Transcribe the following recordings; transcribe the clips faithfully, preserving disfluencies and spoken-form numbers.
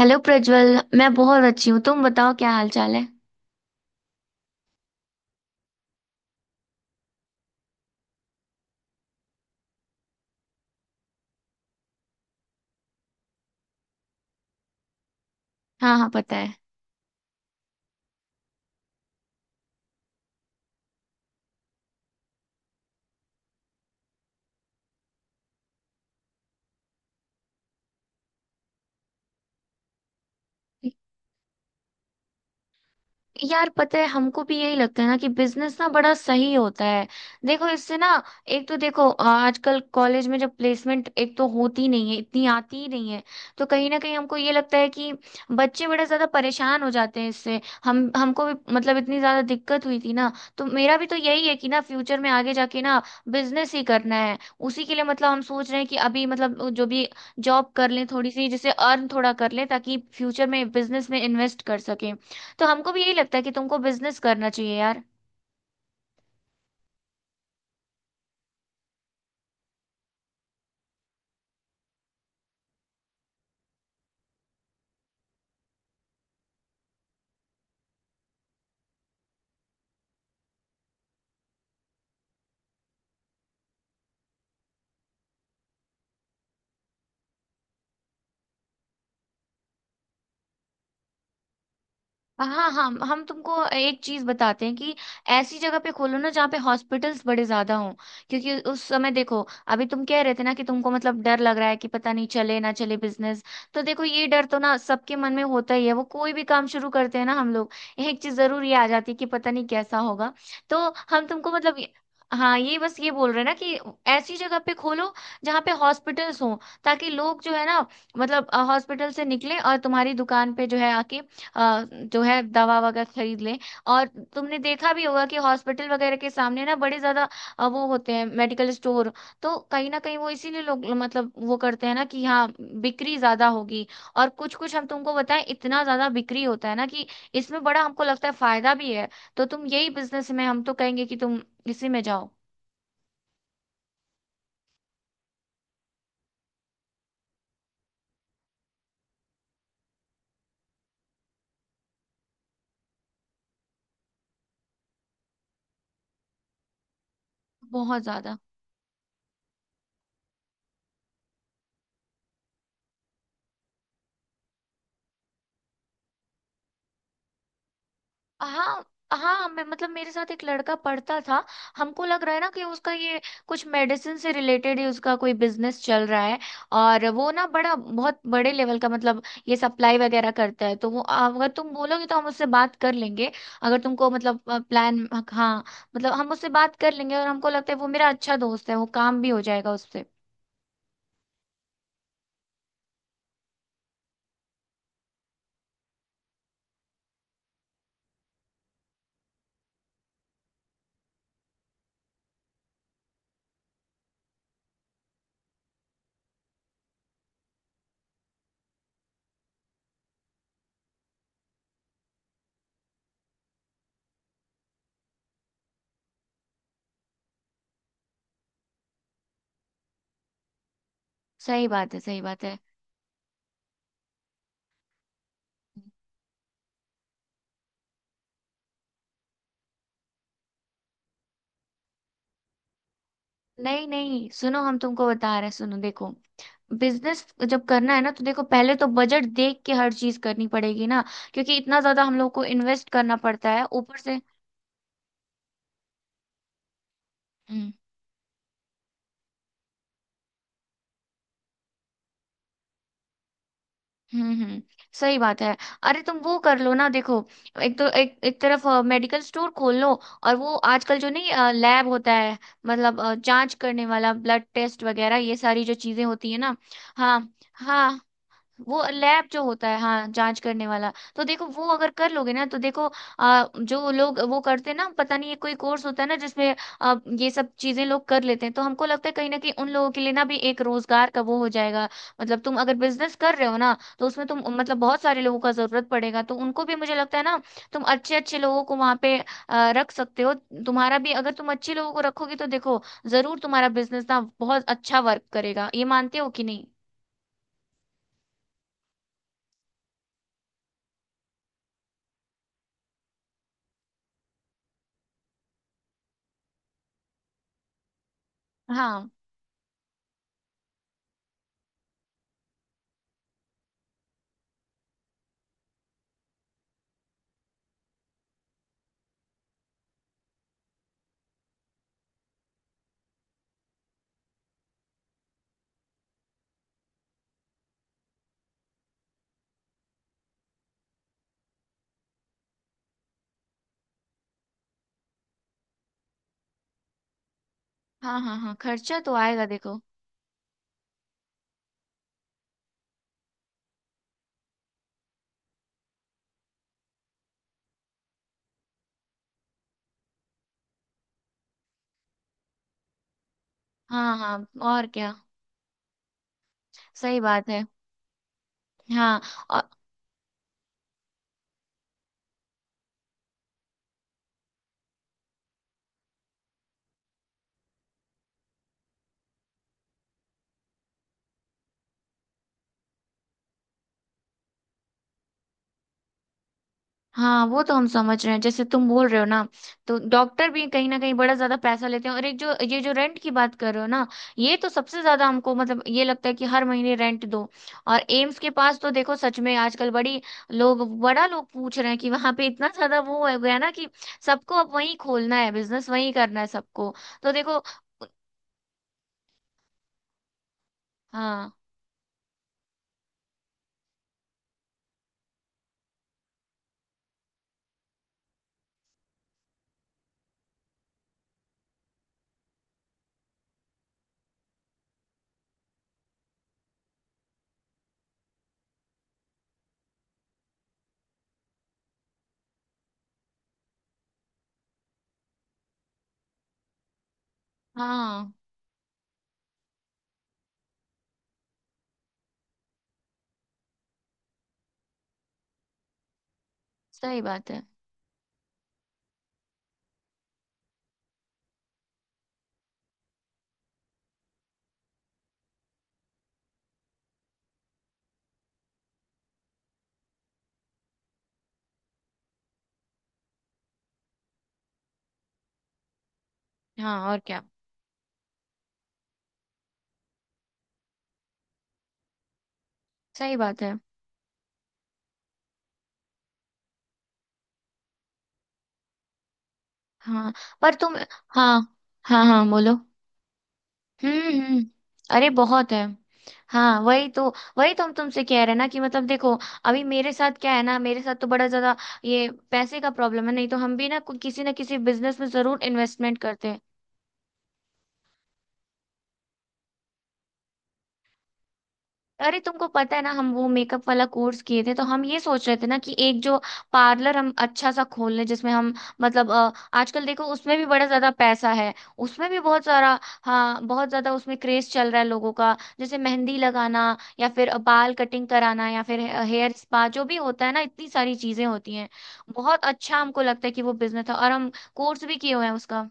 Hello Prajwal. मैं बहुत अच्छी हूँ, तुम बताओ, क्या हाल चाल है? हाँ हाँ, पता है। यार, पता है, हमको भी यही लगता है ना कि बिजनेस ना बड़ा सही होता है। देखो इससे ना, एक तो देखो, अ, आजकल कॉलेज में जब प्लेसमेंट एक तो होती नहीं है, इतनी आती ही नहीं है। तो कहीं ना कहीं हमको ये लगता है कि बच्चे बड़े ज्यादा परेशान हो जाते हैं इससे। हम हमको भी मतलब इतनी ज्यादा दिक्कत हुई थी ना। तो मेरा भी तो यही है कि ना, फ्यूचर में आगे जाके ना बिजनेस ही करना है। उसी के लिए मतलब हम सोच रहे हैं कि अभी मतलब जो भी जॉब कर लें थोड़ी सी, जिससे अर्न थोड़ा कर लें ताकि फ्यूचर में बिजनेस में इन्वेस्ट कर सकें। तो हमको भी यही लगता है कि तुमको बिजनेस करना चाहिए यार। हाँ हाँ, हम तुमको एक चीज बताते हैं कि ऐसी जगह पे खोलो ना, जहाँ पे हॉस्पिटल्स बड़े ज्यादा हों। क्योंकि उस समय देखो, अभी तुम कह रहे थे ना कि तुमको मतलब डर लग रहा है कि पता नहीं चले ना चले बिजनेस। तो देखो, ये डर तो ना सबके मन में होता ही है। वो कोई भी काम शुरू करते हैं ना हम लोग, एक चीज जरूर ये आ जाती है कि पता नहीं कैसा होगा। तो हम तुमको मतलब ये-। हाँ, ये बस ये बोल रहे हैं ना कि ऐसी जगह पे खोलो जहाँ पे हॉस्पिटल्स हों, ताकि लोग जो है ना मतलब हॉस्पिटल से निकले और तुम्हारी दुकान पे जो है आके अ, जो है दवा वगैरह खरीद लें। और तुमने देखा भी होगा कि हॉस्पिटल वगैरह के सामने ना बड़े ज्यादा अ, वो होते हैं मेडिकल स्टोर। तो कहीं ना कहीं वो इसीलिए लोग मतलब वो करते हैं ना कि हाँ, बिक्री ज्यादा होगी। और कुछ कुछ हम तुमको बताएं, इतना ज्यादा बिक्री होता है ना कि इसमें बड़ा हमको लगता है फायदा भी है। तो तुम यही बिजनेस में, हम तो कहेंगे कि तुम इसी में जाओ। बहुत ज्यादा। हाँ हाँ, मैं मतलब मेरे साथ एक लड़का पढ़ता था। हमको लग रहा है ना कि उसका ये कुछ मेडिसिन से रिलेटेड ही उसका कोई बिजनेस चल रहा है। और वो ना बड़ा बहुत बड़े लेवल का मतलब ये सप्लाई वगैरह करता है। तो वो अगर तुम बोलोगे तो हम उससे बात कर लेंगे। अगर तुमको मतलब प्लान, हाँ, मतलब हम उससे बात कर लेंगे और हमको लगता है वो मेरा अच्छा दोस्त है, वो काम भी हो जाएगा उससे। सही बात है, सही बात है। नहीं नहीं, सुनो हम तुमको बता रहे हैं, सुनो देखो। बिजनेस जब करना है ना, तो देखो पहले तो बजट देख के हर चीज करनी पड़ेगी ना, क्योंकि इतना ज्यादा हम लोग को इन्वेस्ट करना पड़ता है ऊपर से। हम्म, हम्म, हम्म, सही बात है। अरे, तुम वो कर लो ना देखो, एक तो एक एक तरफ मेडिकल स्टोर खोल लो। और वो आजकल जो नहीं, लैब होता है, मतलब अ, जांच करने वाला, ब्लड टेस्ट वगैरह, ये सारी जो चीजें होती है ना। हाँ हाँ। वो लैब जो होता है, हाँ जांच करने वाला, तो देखो वो अगर कर लोगे ना तो देखो, आ, जो लोग वो करते हैं ना, पता नहीं ये कोई कोर्स होता है ना जिसमें आ, ये सब चीजें लोग कर लेते हैं। तो हमको लगता है कहीं ना कहीं उन लोगों के लिए ना भी एक रोजगार का वो हो जाएगा। मतलब तुम अगर बिजनेस कर रहे हो ना तो उसमें तुम मतलब बहुत सारे लोगों का जरूरत पड़ेगा, तो उनको भी मुझे लगता है ना, तुम अच्छे अच्छे लोगों को वहां पे आ, रख सकते हो। तुम्हारा भी अगर तुम अच्छे लोगों को रखोगे तो देखो, जरूर तुम्हारा बिजनेस ना बहुत अच्छा वर्क करेगा। ये मानते हो कि नहीं? हाँ हाँ हाँ हाँ, खर्चा तो आएगा देखो। हाँ हाँ, और क्या। सही बात है। हाँ, और हाँ, वो तो हम समझ रहे हैं जैसे तुम बोल रहे हो ना। तो डॉक्टर भी कहीं ना कहीं बड़ा ज्यादा पैसा लेते हैं। और एक जो ये जो रेंट की बात कर रहे हो ना, ये तो सबसे ज्यादा हमको मतलब ये लगता है कि हर महीने रेंट दो। और एम्स के पास तो देखो, सच में आजकल बड़ी लोग, बड़ा लोग पूछ रहे हैं कि वहां पे इतना ज्यादा वो हो गया ना कि सबको अब वहीं खोलना है, बिजनेस वहीं करना है सबको। तो देखो। हाँ हाँ। सही बात है। हाँ, और क्या। सही बात है। हाँ, पर तुम। हाँ हाँ हाँ, बोलो। हम्म हम्म। अरे, बहुत है। हाँ, वही तो। वही तो हम तुमसे कह रहे हैं ना कि मतलब देखो, अभी मेरे साथ क्या है ना, मेरे साथ तो बड़ा ज्यादा ये पैसे का प्रॉब्लम है, नहीं तो हम भी ना कोई- किसी ना किसी बिजनेस में जरूर इन्वेस्टमेंट करते हैं। अरे, तुमको पता है ना हम वो मेकअप वाला कोर्स किए थे, तो हम ये सोच रहे थे ना कि एक जो पार्लर हम अच्छा सा खोल लें जिसमें हम मतलब अ, आजकल देखो उसमें भी बड़ा ज्यादा पैसा है। उसमें भी बहुत सारा। हाँ, बहुत ज्यादा उसमें क्रेज चल रहा है लोगों का, जैसे मेहंदी लगाना या फिर अ, बाल कटिंग कराना या फिर हे- हेयर स्पा, जो भी होता है ना, इतनी सारी चीजें होती हैं। बहुत अच्छा हमको लगता है कि वो बिजनेस है और हम कोर्स भी किए हुए हैं उसका।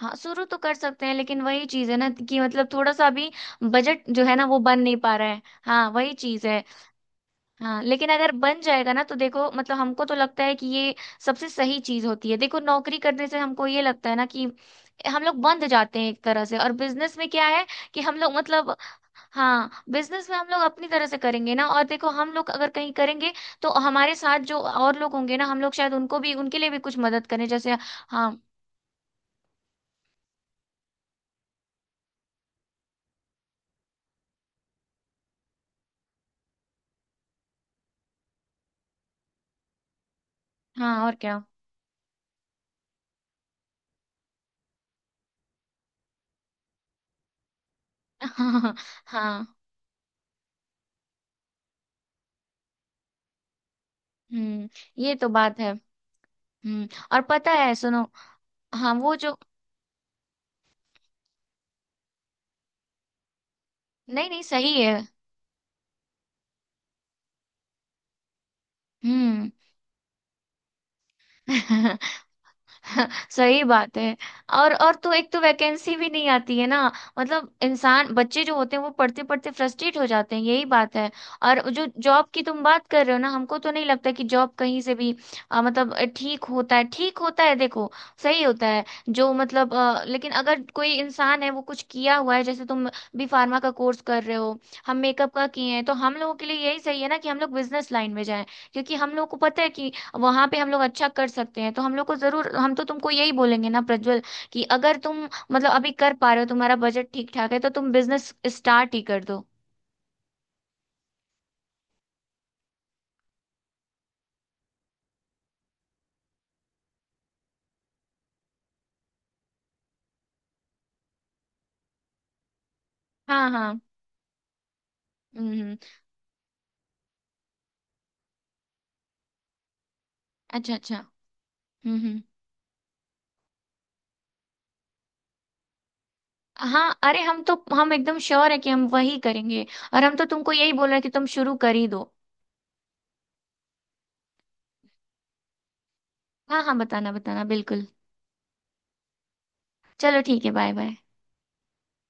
हाँ, शुरू तो कर सकते हैं, लेकिन वही चीज है ना कि मतलब थोड़ा सा अभी बजट जो है ना वो बन नहीं पा रहा है। हाँ, वही चीज है। हाँ, लेकिन अगर बन जाएगा ना तो देखो, मतलब हमको तो लगता है कि ये सबसे सही चीज होती है। देखो, नौकरी करने से हमको ये लगता है ना कि हम लोग बंध जाते हैं एक तरह से, और बिजनेस में क्या है कि हम लोग मतलब, हाँ बिजनेस में हम लोग अपनी तरह से करेंगे ना। और देखो, हम लोग अगर कहीं करेंगे तो हमारे साथ जो और लोग होंगे ना, हम लोग शायद उनको भी उनके लिए भी कुछ मदद करें जैसे। हाँ हाँ, और क्या। हाँ हाँ। हम्म। ये तो बात है। हम्म। और पता है, सुनो। हाँ, वो जो। नहीं नहीं, सही है। हम्म। सही बात है। और और तो एक तो वैकेंसी भी नहीं आती है ना। मतलब इंसान, बच्चे जो होते हैं वो पढ़ते पढ़ते फ्रस्ट्रेट हो जाते हैं, यही बात है। और जो जॉब की तुम बात कर रहे हो ना, हमको तो नहीं लगता कि जॉब कहीं से भी अ, मतलब अ, ठीक होता है, ठीक होता है देखो। सही होता है। जो मतलब अ, लेकिन अगर कोई इंसान है वो कुछ किया हुआ है, जैसे तुम भी फार्मा का कोर्स कर रहे हो, हम मेकअप का किए हैं, तो हम लोगों के लिए यही सही है ना कि हम लोग बिजनेस लाइन में जाएं। क्योंकि हम लोगों को पता है कि वहां पे हम लोग अच्छा कर सकते हैं, तो हम लोग को जरूर, हम तो तुमको यही बोलेंगे ना प्रज्वल, कि अगर तुम मतलब अभी कर पा रहे हो, तुम्हारा बजट ठीक ठाक है तो तुम बिजनेस स्टार्ट ही कर दो। हाँ हाँ। हम्म हम्म। अच्छा अच्छा। हम्म हम्म। हाँ, अरे हम तो हम एकदम श्योर है कि हम वही करेंगे। और हम तो तुमको यही बोल रहे हैं कि तुम शुरू कर ही दो। हाँ हाँ, बताना बताना बिल्कुल। चलो ठीक है, बाय बाय।